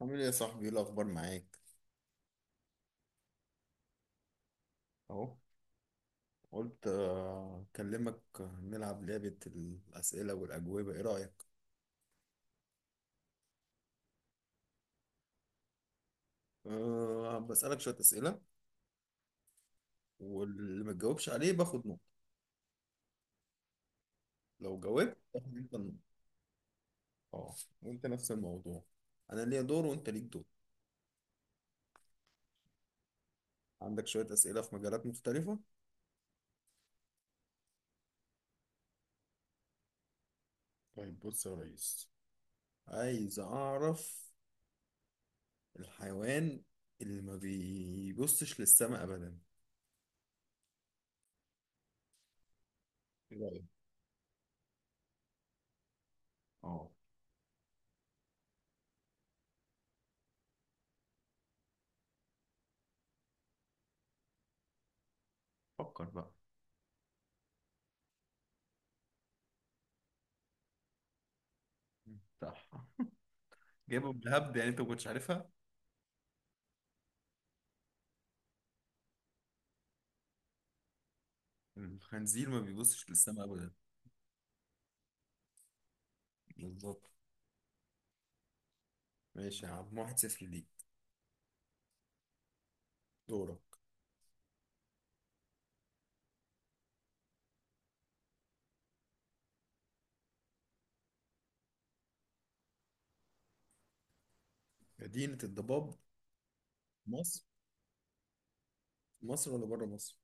عامل ايه يا صاحبي؟ ايه الاخبار معاك؟ اهو. قلت اكلمك، نلعب لعبة الاسئلة والاجوبة، ايه رأيك؟ بسألك شوية اسئلة، واللي ما تجاوبش عليه باخد نقطة. لو جاوبت تاخد انت النقطة. اه. وانت نفس الموضوع، انا ليا دور وانت ليك دور. عندك شوية اسئلة في مجالات مختلفة. طيب بص يا ريس، عايز اعرف الحيوان اللي ما بيبصش للسماء ابدا. ايه رأيك؟ اه. فكر بقى. صح. جايبهم بهبد يعني، انت ما كنتش عارفها. الخنزير ما بيبصش للسماء ابدا. بالظبط. ماشي يا عم، واحد صفر ليك. دورك. مدينة الضباب، مصر؟ مصر ولا بره مصر؟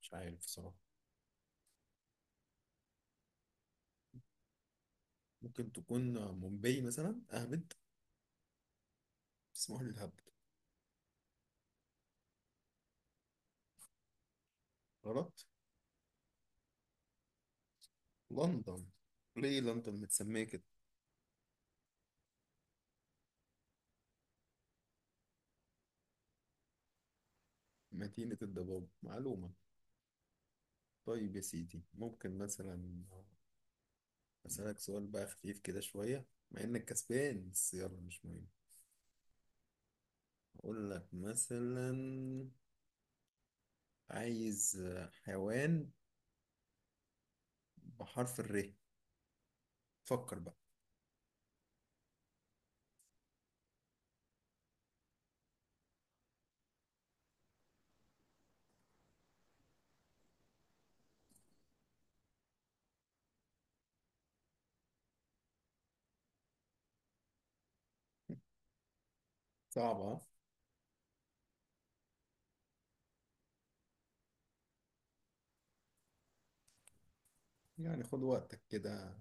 مش عارف صراحة. ممكن تكون مومباي مثلا، اهبد، اسمها لي الهبد. غلط. لندن؟ ليه لندن متسمية كده؟ مدينة الضباب، معلومة. طيب يا سيدي، ممكن مثلا أسألك سؤال بقى خفيف كده شوية، مع إنك كسبان بس يلا، مش مهم. أقول لك مثلا، عايز حيوان بحرف الر. فكر بقى. صعبة ها؟ يعني خد وقتك كده،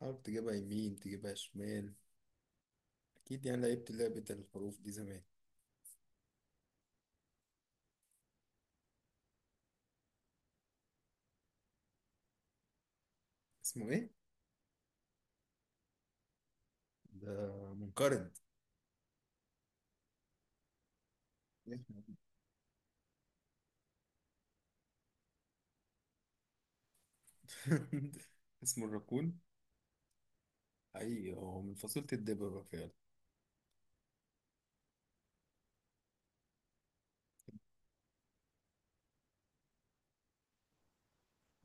حاول تجيبها يمين تجيبها شمال. أكيد يعني لعبت لعبة الحروف دي زمان. اسمه إيه؟ ده منقرض. اسمه الراكون؟ حقيقي هو من فصيلة الدببة فعلا.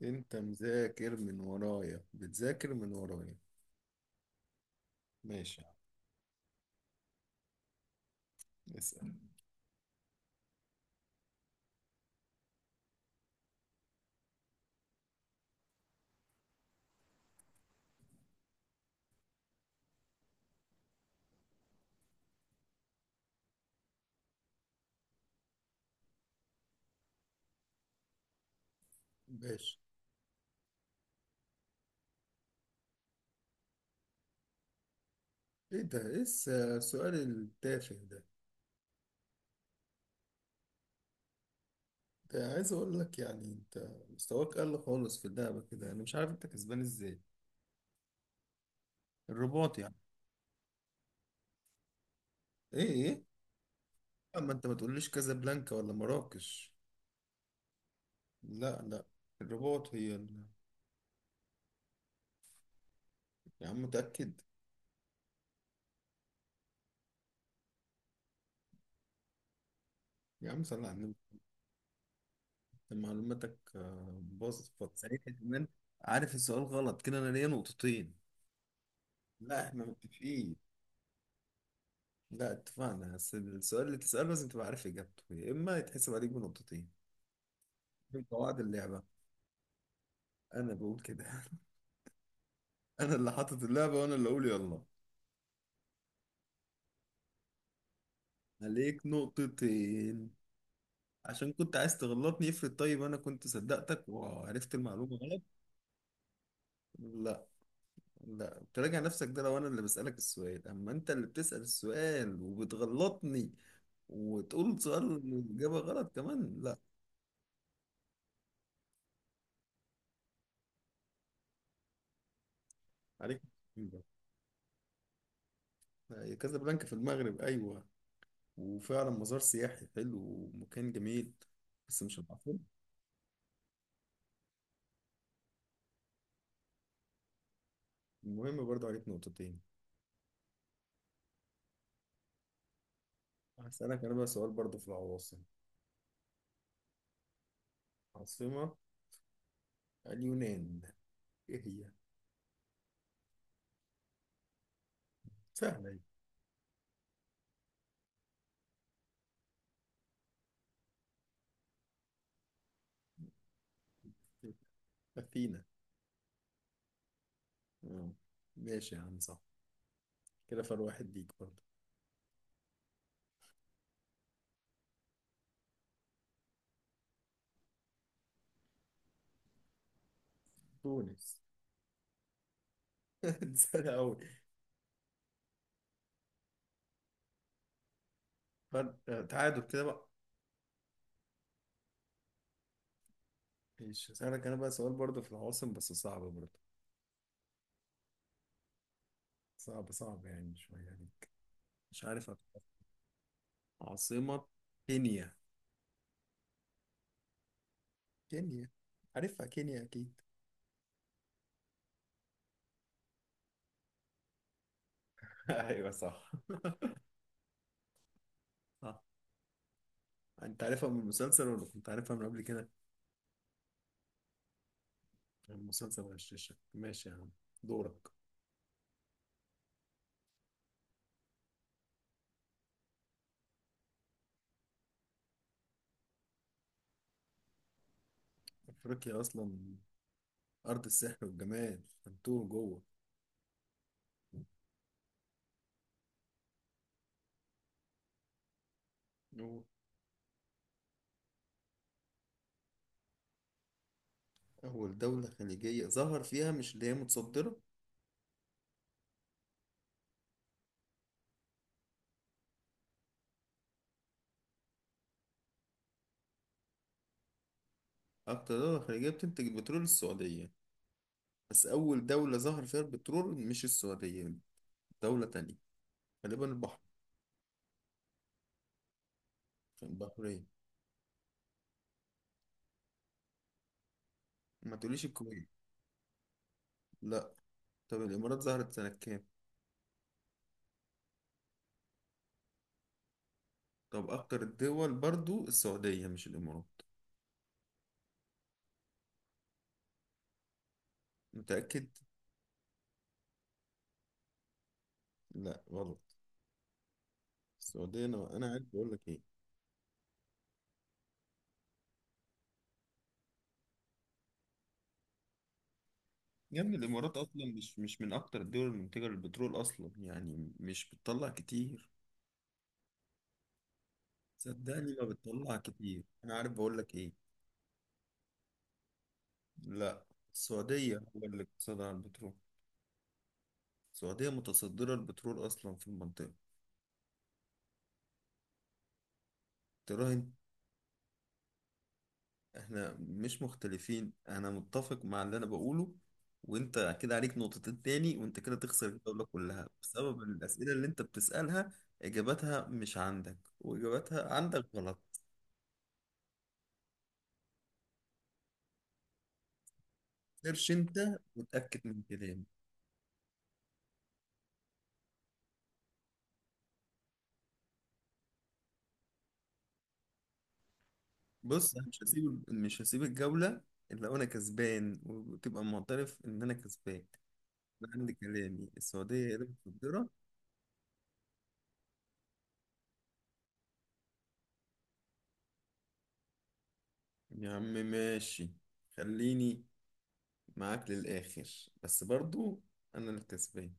أنت مذاكر من ورايا، بتذاكر من ورايا. ماشي. اسأل. ماشي. إيه ده؟ إيه السؤال التافه ده؟ ده عايز اقول لك يعني انت مستواك قل خالص في اللعبه كده، انا مش عارف انت كسبان ازاي. الرباط يعني. ايه؟ ايه؟ اما انت ما تقوليش كازابلانكا ولا مراكش. لا لا، الرباط هي ال... يا عم متاكد. يا عم صل على النبي. أنت معلوماتك باظت فتره كمان. عارف السؤال غلط كده، انا ليا نقطتين. لا احنا متفقين. لا اتفقنا، بس السؤال اللي تساله لازم تبقى عارف اجابته، يا اما يتحسب عليك بنقطتين. من قواعد اللعبه. انا بقول كده. انا اللي حاطط اللعبة وانا اللي اقول. يلا، عليك نقطتين. عشان كنت عايز تغلطني. افرض طيب انا كنت صدقتك وعرفت المعلومة غلط. لا. لا تراجع نفسك، ده لو انا اللي بسألك السؤال، اما انت اللي بتسأل السؤال وبتغلطني وتقول سؤال الإجابة غلط كمان، لا. عليك نقطتين بقى. هي كازابلانكا في المغرب ايوه، وفعلا مزار سياحي حلو ومكان جميل، بس مش العاصمة. المهم برضه عليك نقطتين. هسألك انا بقى سؤال برضه في العواصم. عاصمة اليونان ايه هي؟ سهلة. هي أثينا. آه. ماشي يا عم، صح. كده فرق واحد ليك برضه. تونس. سهلة أوي. فرق، تعادل كده بقى. ماشي، هسألك أنا بقى سؤال برضه في العواصم بس صعب برضه. صعب صعب يعني شوية عليك، مش عارف أكتر. عاصمة كينيا. كينيا. عارفها كينيا أكيد. ايوه صح. صح. انت عارفها من المسلسل ولا كنت عارفها من قبل كده؟ المسلسل غششك، ماشي يا عم. دورك. افريقيا اصلا أرض السحر والجمال، هنتوه جوه. أوه. أول دولة خليجية ظهر فيها، مش اللي هي متصدرة. أكتر دولة خليجية بتنتج البترول السعودية، بس أول دولة ظهر فيها البترول مش السعودية، دولة تانية. غالبا البحر... البحرين. ما تقوليش الكويت. لا. طب الإمارات ظهرت سنة كام؟ طب أكتر الدول برضو السعودية مش الإمارات. متأكد؟ لا غلط. السعودية. أنا عارف بقول لك إيه. يا ابني الامارات اصلا مش من اكتر الدول المنتجه للبترول اصلا، يعني مش بتطلع كتير. صدقني ما بتطلع كتير، انا عارف بقول لك ايه. لا. السعوديه هو اللي اقتصادها على البترول. السعوديه متصدره البترول اصلا في المنطقه. تراهن. احنا مش مختلفين، انا متفق مع اللي انا بقوله. وانت كده عليك نقطتين تاني، وانت كده تخسر الدوله كلها بسبب الاسئله اللي انت بتسالها. اجاباتها مش عندك، واجاباتها عندك غلط. سيرش انت وتأكد من كلامي. بص انا مش هسيب الجولة الا وانا كسبان، وتبقى معترف ان انا كسبان. ده عندي كلامي، السعودية هي اللي متصدرة. يا عم ماشي، خليني معاك للاخر، بس برضو انا اللي كسبان.